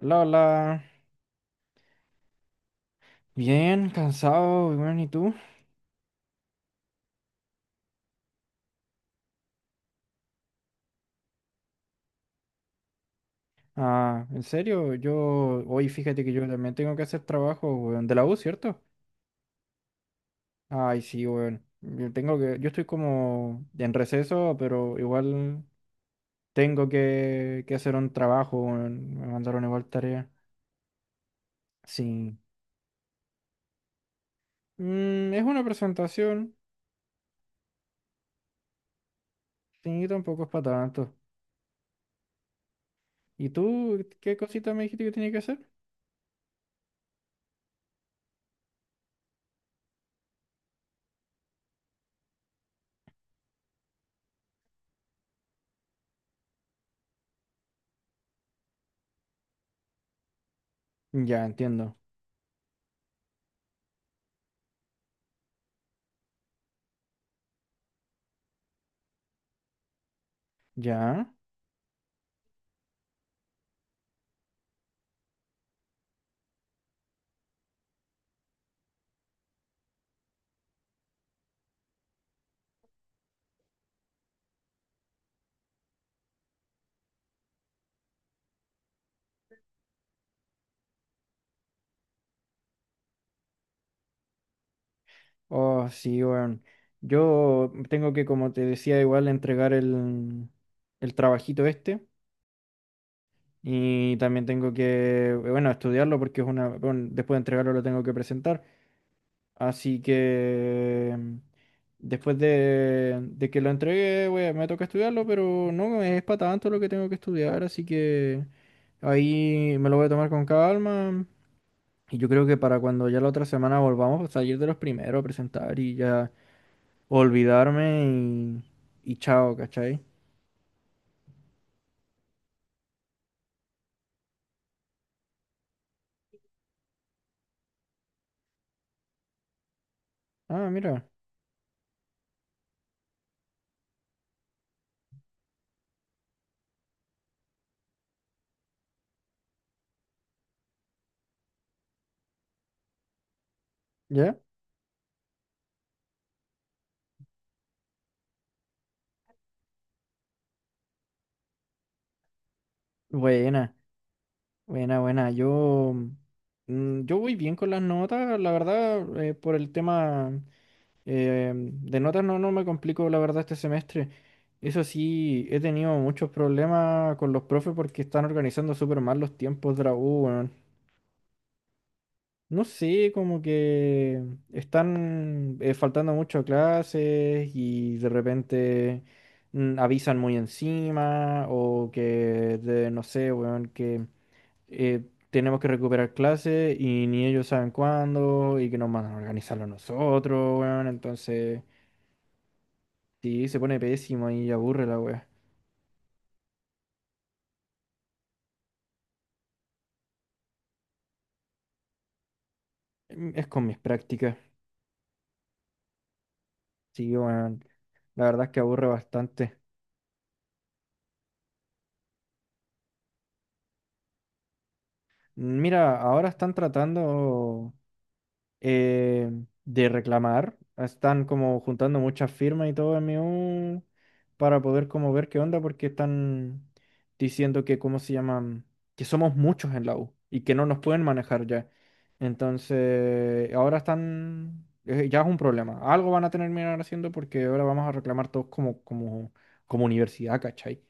Hola, hola. Bien, cansado, weón, ¿y tú? Ah, en serio, yo hoy fíjate que yo también tengo que hacer trabajo, weón, de la U, ¿cierto? Ay, sí, weón. Yo tengo que, yo estoy como en receso, pero igual tengo que hacer un trabajo, weón. Me mandaron igual tarea. Sí. Es una presentación, sí, tampoco es para tanto. ¿Y tú qué cosita me dijiste que tenía que hacer? Ya, entiendo. ¿Ya? Oh, sí, weón. Yo tengo que, como te decía, igual entregar el trabajito este. Y también tengo que, bueno, estudiarlo porque es una, bueno, después de entregarlo lo tengo que presentar. Así que después de que lo entregué, me toca estudiarlo, pero no es para tanto lo que tengo que estudiar. Así que ahí me lo voy a tomar con calma. Y yo creo que para cuando ya la otra semana volvamos a salir de los primeros a presentar y ya, olvidarme y chao, ¿cachai? Ah, mira, ¿ya? Buena, buena, buena. Yo, yo voy bien con las notas, la verdad, por el tema de notas no, no me complico, la verdad, este semestre. Eso sí, he tenido muchos problemas con los profes porque están organizando súper mal los tiempos de la U, weón. No sé, como que están faltando mucho a clases y de repente avisan muy encima o que, no sé, weón, que eh, tenemos que recuperar clases y ni ellos saben cuándo y que nos mandan a organizarlo nosotros, weón. Entonces, sí, se pone pésimo y aburre la weá. Es con mis prácticas, sí, weón. La verdad es que aburre bastante. Mira, ahora están tratando... eh, de reclamar. Están como juntando muchas firmas y todo MU para poder como ver qué onda porque están diciendo que, ¿cómo se llaman? Que somos muchos en la U y que no nos pueden manejar ya. Entonces, ahora están, ya es un problema. Algo van a tener que mirar haciendo porque ahora vamos a reclamar todos como, como, como universidad, ¿cachai?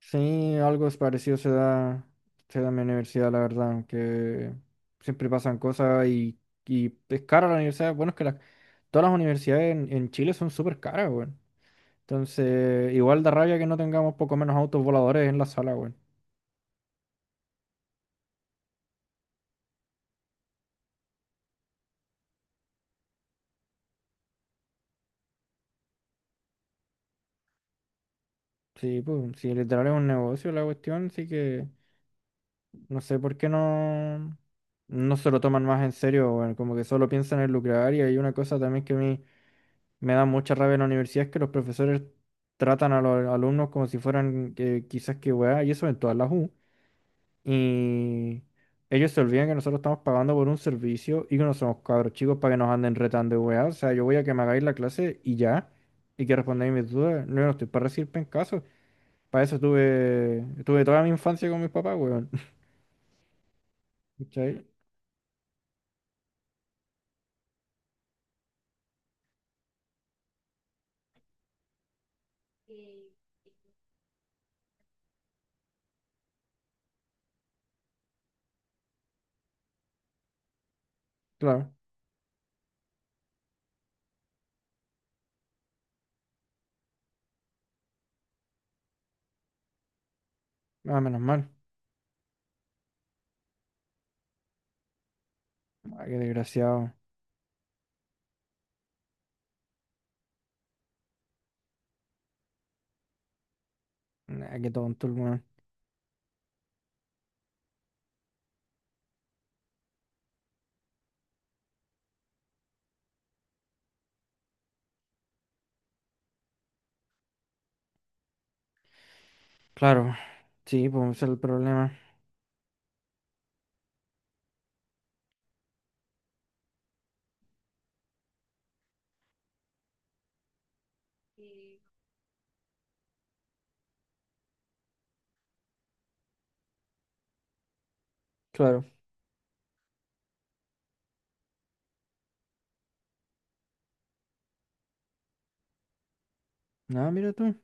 Sí, algo es parecido se da en mi universidad, la verdad, aunque siempre pasan cosas y es cara la universidad. Bueno, es que todas las universidades en Chile son súper caras, weón. Entonces, igual da rabia que no tengamos poco menos autos voladores en la sala, weón. Sí, pues, si literal es un negocio la cuestión, sí que no sé por qué no, no se lo toman más en serio, weón. Como que solo piensan en lucrar y hay una cosa también que a mí me da mucha rabia en la universidad es que los profesores tratan a los alumnos como si fueran quizás que weá, y eso en todas las U. Y ellos se olvidan que nosotros estamos pagando por un servicio y que no somos cabros chicos para que nos anden retando de weá. O sea, yo voy a que me hagáis la clase y ya, y que respondáis mis dudas. No, yo no estoy para recibir pencaso. Para eso estuve toda mi infancia con mis papás, weón. ¿Cachai? Claro, ah, menos mal. Ah, qué desgraciado. Ah, qué tonto el weón. Claro, sí, pues ese es el problema. Claro. Nada, mira tú.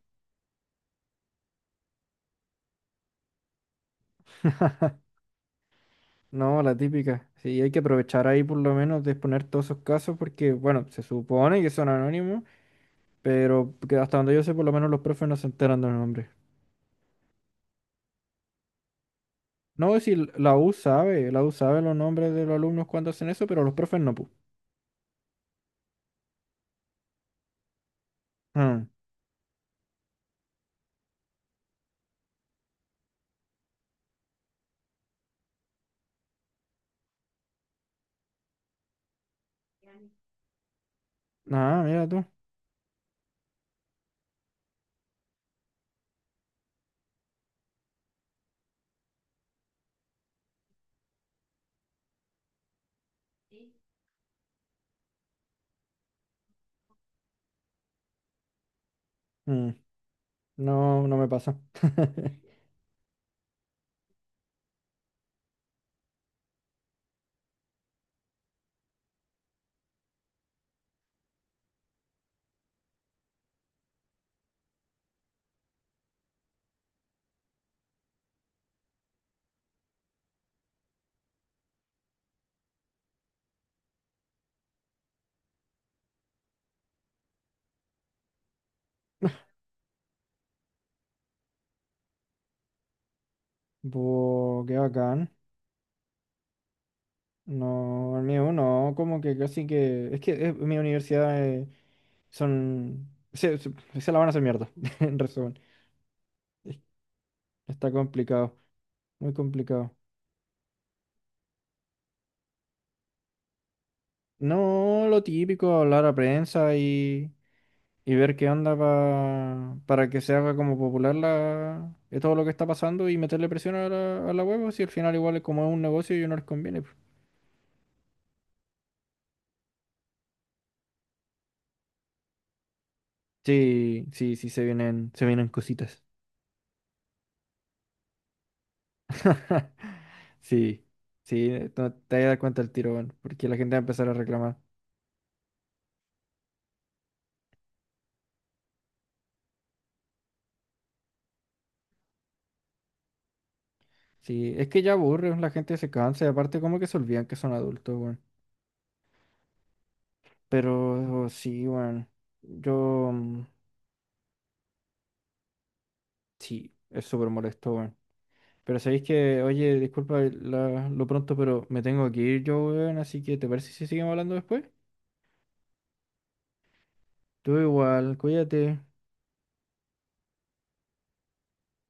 No, la típica. Sí, hay que aprovechar ahí por lo menos de exponer todos esos casos porque, bueno, se supone que son anónimos, pero que hasta donde yo sé, por lo menos los profes no se enteran de los nombres. No, si la U sabe, la U sabe los nombres de los alumnos cuando hacen eso, pero los profes no, pu. Mm. Ah, mira tú. Mm. No, no me pasa. Bo, qué bacán. No, el mío no, como que casi que. Es que mi universidad son. Se la van a hacer mierda, en resumen. Está complicado, muy complicado. No, lo típico, hablar a prensa y ver qué onda para que se haga como popular la, todo lo que está pasando y meterle presión a la web, si al final igual es como es un negocio y no les conviene, pues. Sí, sí, sí, se vienen cositas. Sí, sí, no te vas a dar cuenta el tiro, bueno, porque la gente va a empezar a reclamar. Sí, es que ya aburre, la gente se cansa y aparte como que se olvidan que son adultos, bueno. Pero oh, sí, weón. Yo sí, es súper molesto, weón. Pero sabéis que, oye, disculpa lo pronto, pero me tengo que ir yo, weón. Así que, ¿te parece si seguimos hablando después? Tú igual, cuídate.